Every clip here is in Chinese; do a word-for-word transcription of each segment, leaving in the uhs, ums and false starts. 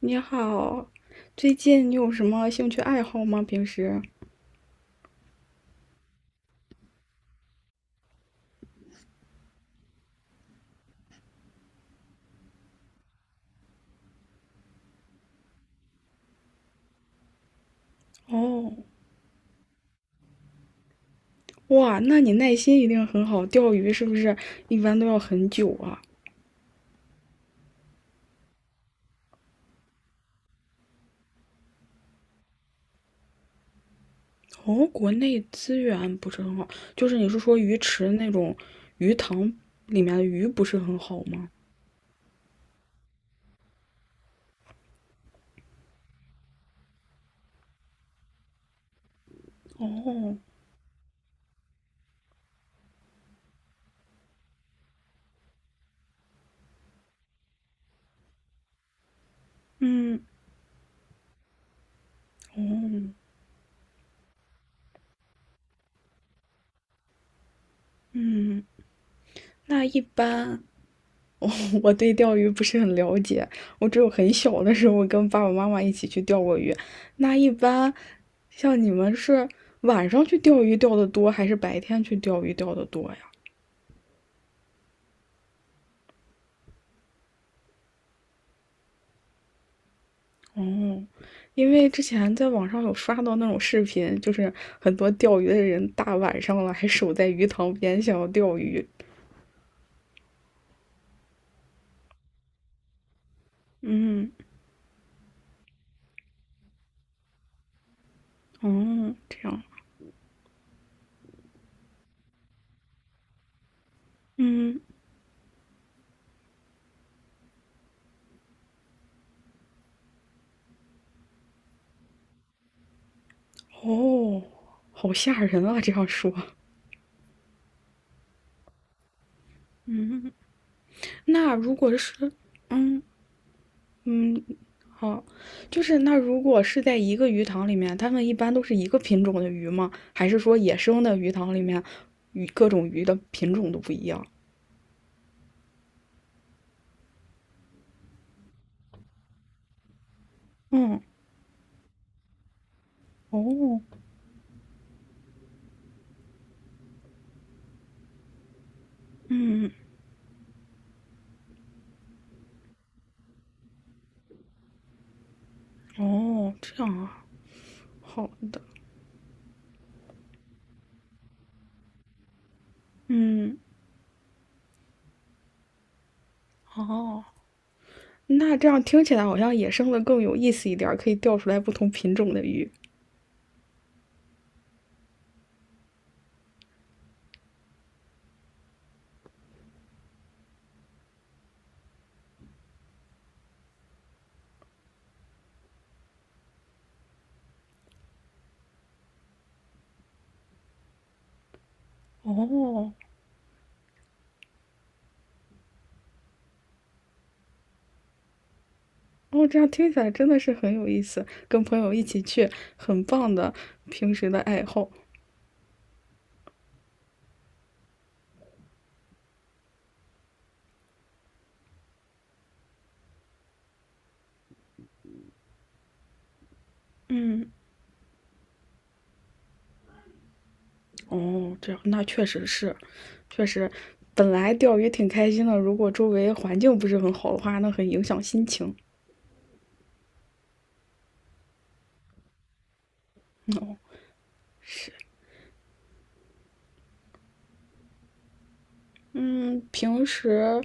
你好，最近你有什么兴趣爱好吗？平时？哦，哇，那你耐心一定很好，钓鱼是不是一般都要很久啊？哦，国内资源不是很好，就是你是说鱼池那种鱼塘里面的鱼不是很好吗？哦，嗯，哦，那一般我对钓鱼不是很了解，我只有很小的时候跟爸爸妈妈一起去钓过鱼。那一般像你们是晚上去钓鱼钓的多，还是白天去钓鱼钓的多呀？哦，因为之前在网上有刷到那种视频，就是很多钓鱼的人大晚上了还守在鱼塘边想要钓鱼。嗯，哦，这样，嗯，哦，好吓人啊！这样说，那如果是，嗯嗯，哦，就是那如果是在一个鱼塘里面，它们一般都是一个品种的鱼吗？还是说野生的鱼塘里面，鱼各种鱼的品种都不一样？嗯，哦，哦，这样啊，好的，嗯，哦，那这样听起来好像野生的更有意思一点儿，可以钓出来不同品种的鱼。哦，哦，这样听起来真的是很有意思，跟朋友一起去，很棒的平时的爱好。嗯，哦，这样那确实是，确实，本来钓鱼挺开心的，如果周围环境不是很好的话，那很影响心情。是，嗯，平时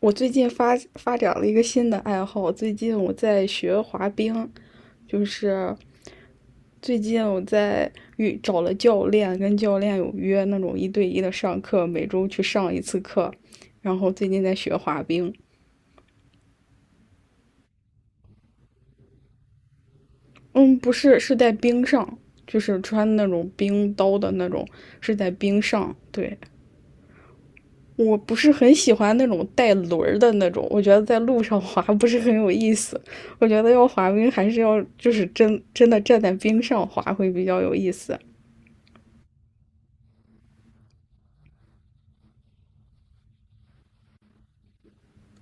我最近发发展了一个新的爱好，最近我在学滑冰，就是最近我在遇找了教练，跟教练有约那种一对一的上课，每周去上一次课，然后最近在学滑冰，嗯，不是，是在冰上，就是穿那种冰刀的那种，是在冰上，对。我不是很喜欢那种带轮儿的那种，我觉得在路上滑不是很有意思。我觉得要滑冰还是要就是真真的站在冰上滑会比较有意思。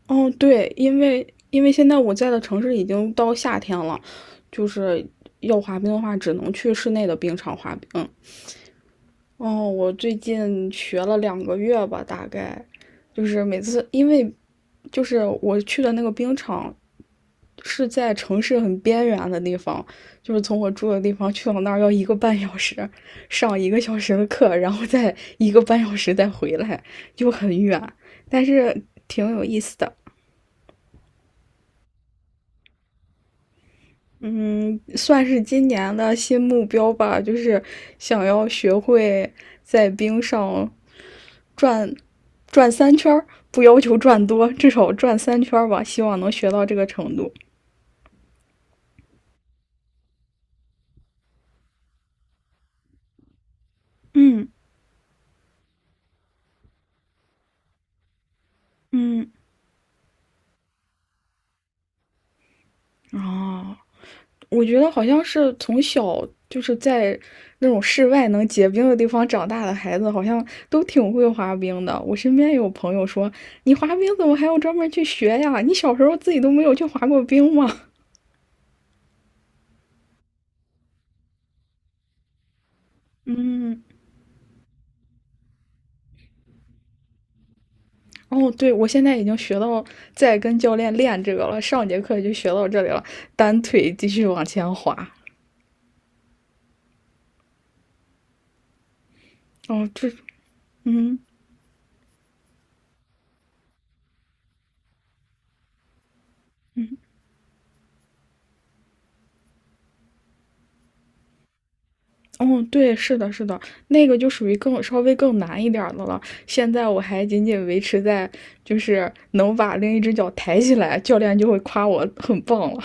哦，对，因为因为现在我在的城市已经到夏天了，就是要滑冰的话，只能去室内的冰场滑冰。哦，我最近学了两个月吧，大概，就是每次因为就是我去的那个冰场是在城市很边缘的地方，就是从我住的地方去到那儿要一个半小时，上一个小时的课，然后再一个半小时再回来，就很远，但是挺有意思的，算是今年的新目标吧，就是想要学会在冰上转转三圈不要求转多，至少转三圈吧，希望能学到这个程度。嗯嗯，哦，我觉得好像是从小就是在那种室外能结冰的地方长大的孩子，好像都挺会滑冰的。我身边有朋友说：“你滑冰怎么还要专门去学呀？你小时候自己都没有去滑过冰吗？” 哦，对，我现在已经学到在跟教练练这个了，上节课就学到这里了，单腿继续往前滑。哦，这嗯，对，是的，是的，那个就属于更稍微更难一点儿的了。现在我还仅仅维持在就是能把另一只脚抬起来，教练就会夸我很棒了。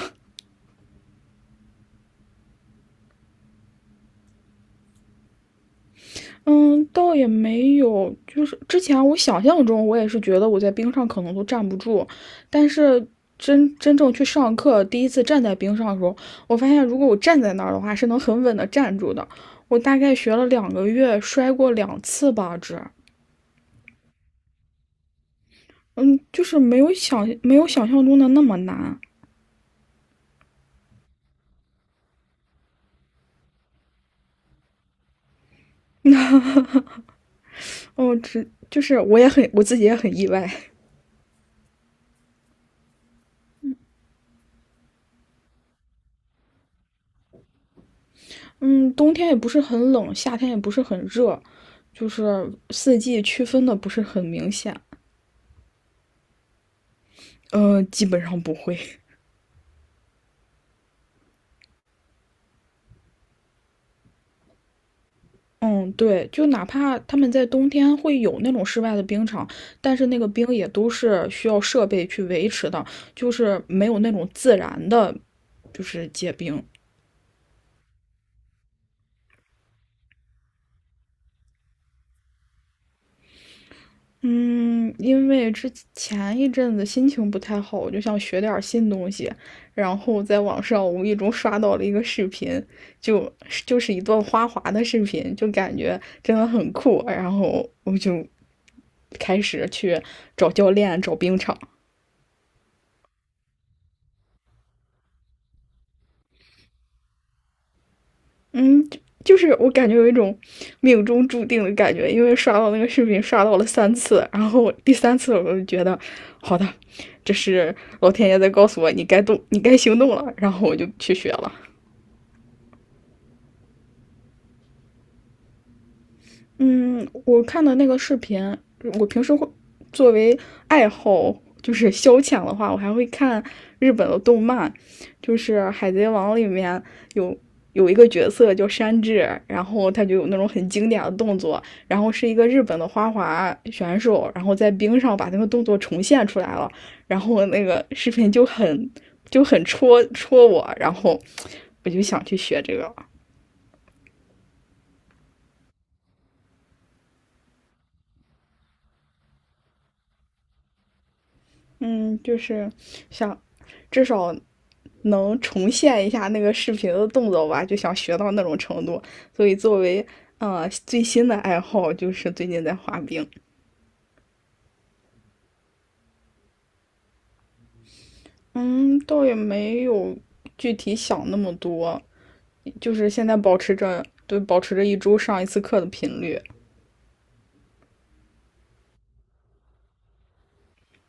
嗯，倒也没有，就是之前我想象中我也是觉得我在冰上可能都站不住，但是真真正去上课，第一次站在冰上的时候，我发现如果我站在那儿的话，是能很稳的站住的。我大概学了两个月，摔过两次吧，这。嗯，就是没有想没有想象中的那么难哦，只就是我也很我自己也很意外，嗯，冬天也不是很冷，夏天也不是很热，就是四季区分的不是很明显，呃，基本上不会，嗯，对，就哪怕他们在冬天会有那种室外的冰场，但是那个冰也都是需要设备去维持的，就是没有那种自然的，就是结冰，嗯，因为之前一阵子心情不太好，我就想学点儿新东西，然后在网上无意中刷到了一个视频，就就是一段花滑的视频，就感觉真的很酷，然后我就开始去找教练、找冰场。嗯，就就是我感觉有一种命中注定的感觉，因为刷到那个视频刷到了三次，然后第三次我就觉得，好的，这是老天爷在告诉我你该动，你该行动了，然后我就去学了。嗯，我看的那个视频，我平时会作为爱好就是消遣的话，我还会看日本的动漫，就是《海贼王》里面有有一个角色叫山治，然后他就有那种很经典的动作，然后是一个日本的花滑选手，然后在冰上把那个动作重现出来了，然后那个视频就很就很戳戳我，然后我就想去学这个了嗯，就是想至少能重现一下那个视频的动作吧，就想学到那种程度。所以作为呃最新的爱好，就是最近在滑冰。嗯，倒也没有具体想那么多，就是现在保持着对保持着一周上一次课的频率。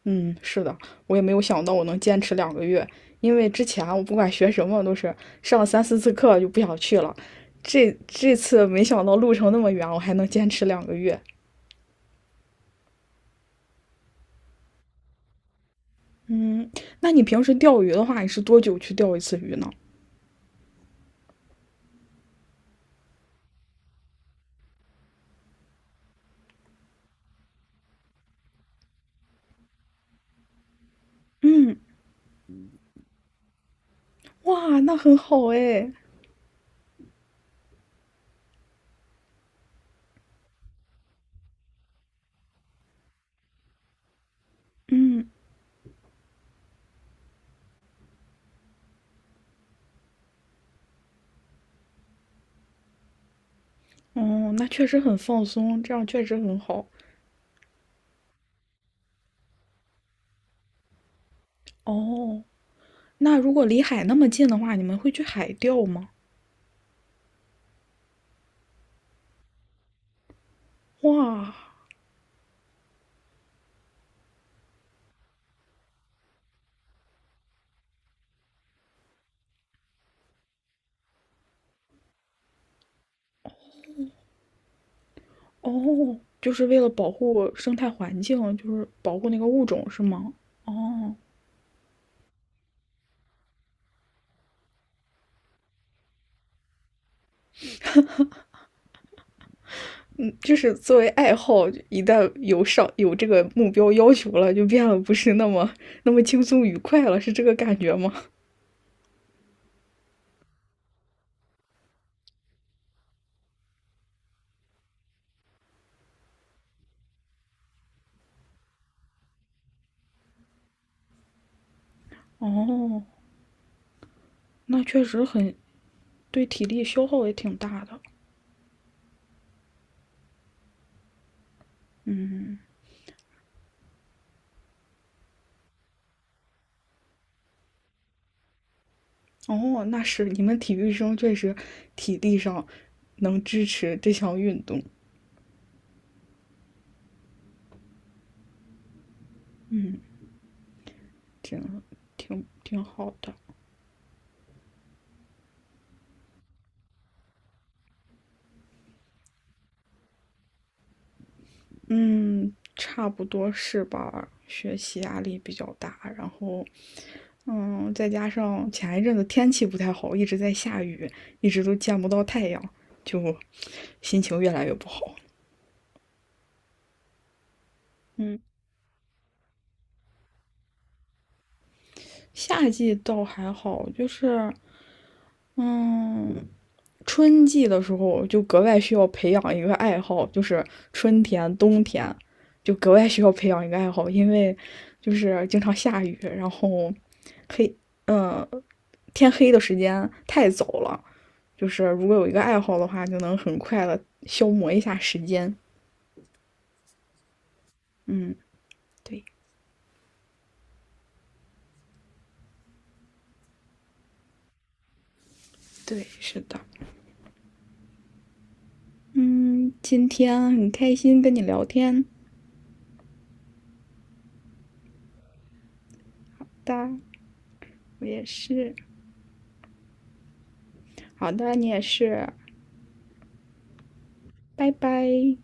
嗯，是的，我也没有想到我能坚持两个月，因为之前啊我不管学什么都是上三四次课就不想去了。这这次没想到路程那么远，我还能坚持两个月，嗯，那你平时钓鱼的话，你是多久去钓一次鱼呢？哇，那很好哎。哦，那确实很放松，这样确实很好。哦，那如果离海那么近的话，你们会去海钓吗？哇，哦，就是为了保护生态环境，就是保护那个物种，是吗？哦，就是作为爱好，一旦有上有这个目标要求了，就变得不是那么那么轻松愉快了，是这个感觉吗？哦，那确实很对体力消耗也挺大的。哦，那是你们体育生确实体力上能支持这项运动，挺挺挺好的。嗯，差不多是吧？学习压力比较大，然后，嗯，再加上前一阵子天气不太好，一直在下雨，一直都见不到太阳，就心情越来越不好。夏季倒还好，就是嗯，春季的时候就格外需要培养一个爱好，就是春天、冬天就格外需要培养一个爱好，因为就是经常下雨，然后黑，嗯，天黑的时间太早了。就是如果有一个爱好的话，就能很快的消磨一下时间。嗯，对对，是的。嗯，今天很开心跟你聊天的，我也是。好的，你也是，拜拜。